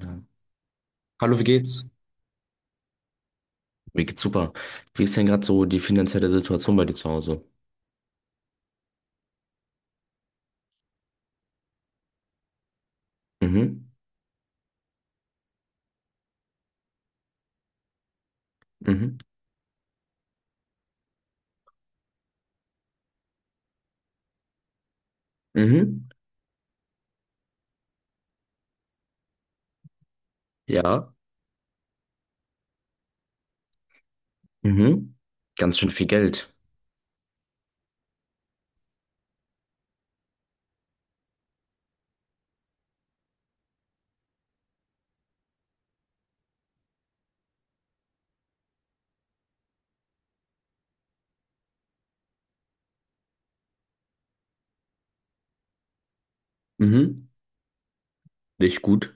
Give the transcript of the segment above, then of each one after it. Ja. Hallo, wie geht's? Mir geht's super. Wie ist denn gerade so die finanzielle Situation bei dir zu Hause? Mhm, mhm, mhm, ja, mhm. Ganz schön viel Geld. Mhm, nicht gut.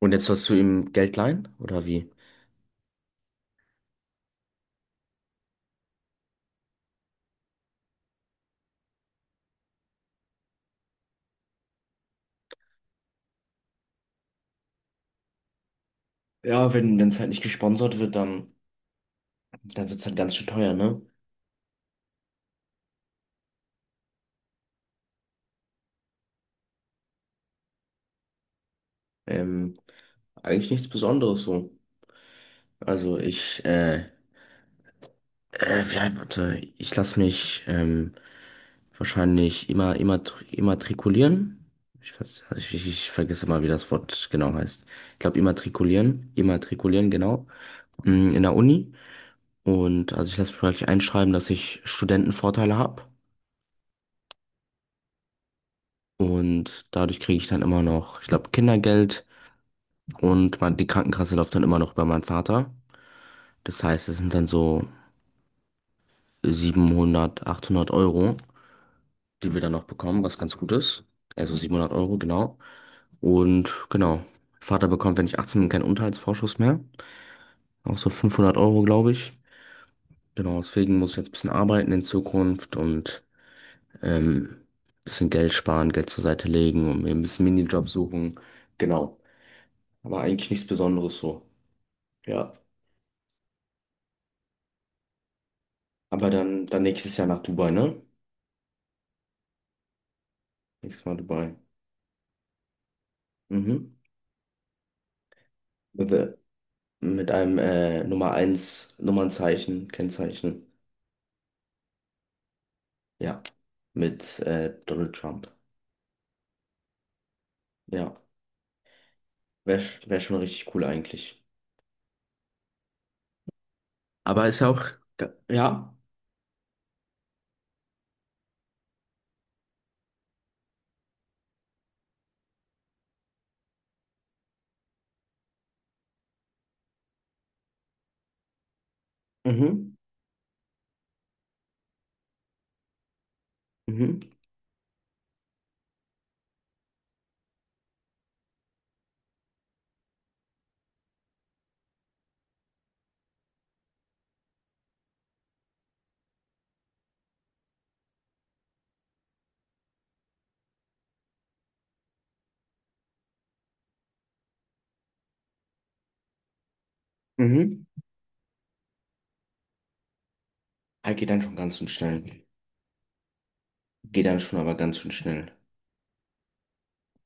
Und jetzt hast du ihm Geld leihen, oder wie? Ja, wenn es halt nicht gesponsert wird, dann wird es halt ganz schön teuer, ne? Ähm, Eigentlich nichts Besonderes so. Also ich, ja, warte, ich lasse mich wahrscheinlich immatrikulieren. Ich, weiß- ich vergesse mal, wie das Wort genau heißt. Ich glaube, immatrikulieren, immatrikulieren, genau. In der Uni. Und also ich lasse mich praktisch einschreiben, dass ich Studentenvorteile habe. Und dadurch kriege ich dann immer noch, ich glaube, Kindergeld. Und man, die Krankenkasse läuft dann immer noch über meinen Vater. Das heißt, es sind dann so 700, 800 Euro, die wir dann noch bekommen, was ganz gut ist. Also 700 Euro, genau. Und genau, Vater bekommt, wenn ich 18 bin, keinen Unterhaltsvorschuss mehr. Auch so 500 Euro, glaube ich. Genau, deswegen muss ich jetzt ein bisschen arbeiten in Zukunft und ein bisschen Geld sparen, Geld zur Seite legen und mir ein bisschen Minijob suchen. Genau, aber eigentlich nichts Besonderes so. Ja, aber dann nächstes Jahr nach Dubai, ne? Nächstes Mal Dubai. Mhm. Mit, äh, mit einem Nummer eins Nummernzeichen, Kennzeichen. Ja, mit Donald Trump. Ja, wär schon richtig cool eigentlich. Aber ist ja auch, ja, mhm, mhm, mhm. Ah, geht dann schon ganz schön schnell. Geht dann schon aber ganz schön schnell.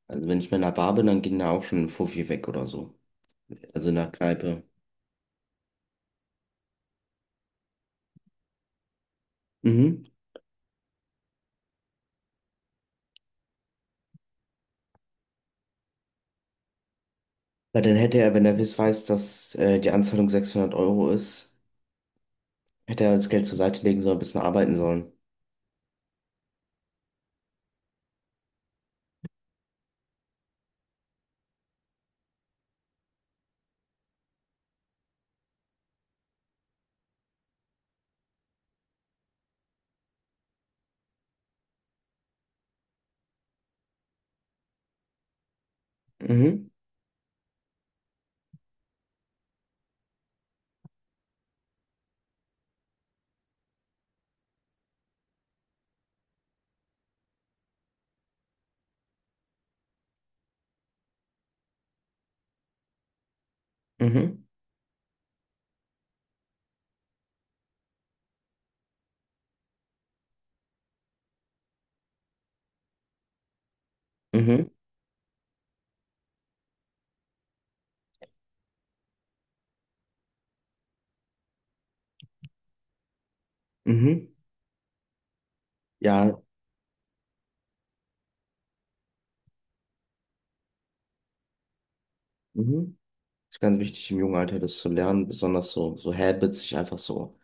Also wenn ich mal in einer Bar bin, dann gehen da auch schon ein Fuffi weg oder so. Also in der Kneipe. Mhm. Weil dann hätte er, wenn er weiß, dass die Anzahlung 600 € ist, hätte er das Geld zur Seite legen sollen, ein bisschen arbeiten sollen. Mhm, mhm, mhm, mhm. Ja, mhm. Ist ganz wichtig, im jungen Alter das zu lernen, besonders so Habits sich einfach so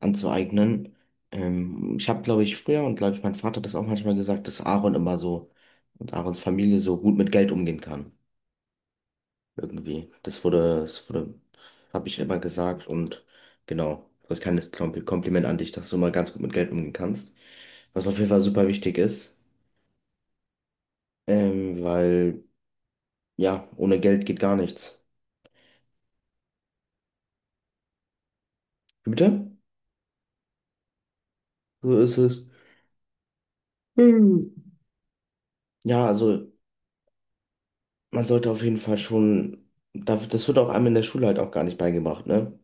anzueignen. Ich habe, glaube ich, früher und glaube ich, mein Vater hat das auch manchmal gesagt, dass Aaron immer so und Aarons Familie so gut mit Geld umgehen kann. Irgendwie. Das wurde, habe ich immer gesagt und genau. Das ist ein kleines Kompliment an dich, dass du immer ganz gut mit Geld umgehen kannst. Was auf jeden Fall super wichtig ist, weil, ja, ohne Geld geht gar nichts. Wie bitte? So ist es. Hm. Ja, also. Man sollte auf jeden Fall schon, das wird auch einem in der Schule halt auch gar nicht beigebracht, ne?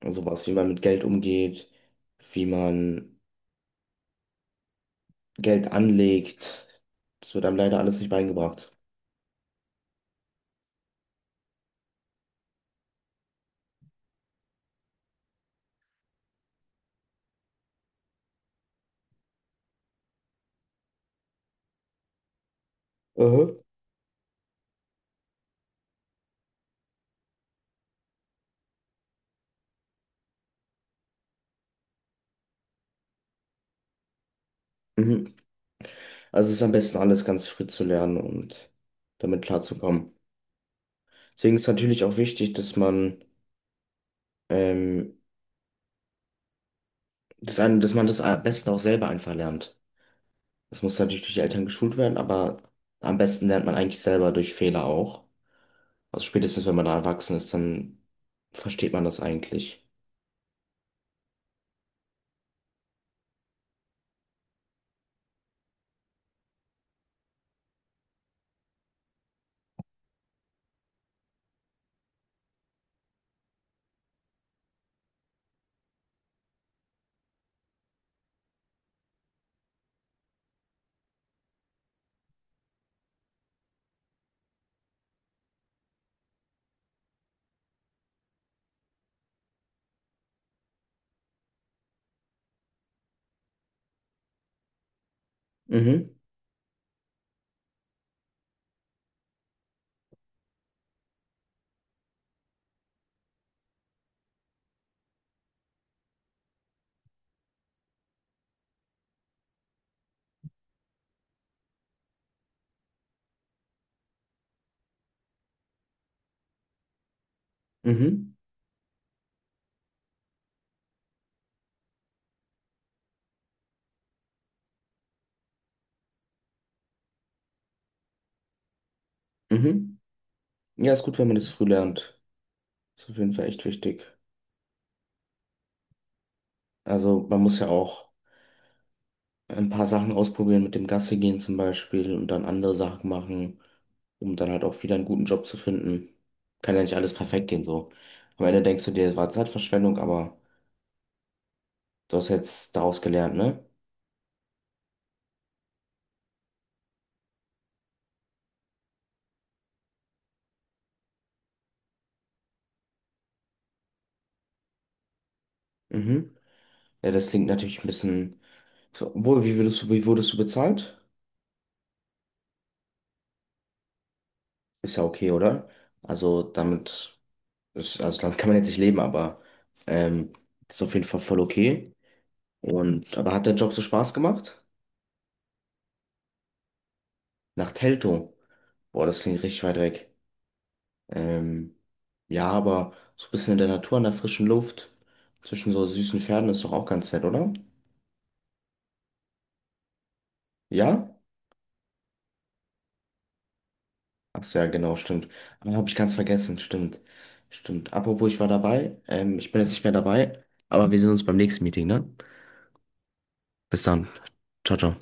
Also was, wie man mit Geld umgeht, wie man Geld anlegt, das wird einem leider alles nicht beigebracht. Mhm. Mhm. Also es ist am besten alles ganz früh zu lernen und damit klarzukommen. Deswegen ist natürlich auch wichtig, dass man, ähm, das eine, dass man das am besten auch selber einfach lernt. Das muss natürlich durch die Eltern geschult werden, aber am besten lernt man eigentlich selber durch Fehler auch. Also spätestens, wenn man da erwachsen ist, dann versteht man das eigentlich. Mhm, mhm, mhm. Ja, ist gut, wenn man das früh lernt. Ist auf jeden Fall echt wichtig. Also man muss ja auch ein paar Sachen ausprobieren mit dem Gassi gehen zum Beispiel und dann andere Sachen machen, um dann halt auch wieder einen guten Job zu finden. Kann ja nicht alles perfekt gehen so. Am Ende denkst du dir, es war Zeitverschwendung, aber du hast jetzt daraus gelernt, ne? Mhm. Ja, das klingt natürlich ein bisschen. So, obwohl, wie würdest du, wie wurdest du bezahlt? Ist ja okay, oder? Also damit ist, also damit kann man jetzt nicht leben, aber ähm, ist auf jeden Fall voll okay. Und aber hat der Job so Spaß gemacht? Nach Teltow. Boah, das klingt richtig weit weg. Ähm, ja, aber so ein bisschen in der Natur, in der frischen Luft, zwischen so süßen Pferden ist doch auch ganz nett, oder? Ja? Ach ja, genau, stimmt. Ah, hab ich ganz vergessen, stimmt. Stimmt. Apropos, ich war dabei. Ich bin jetzt nicht mehr dabei, aber wir sehen uns beim nächsten Meeting, ne? Bis dann. Ciao, ciao.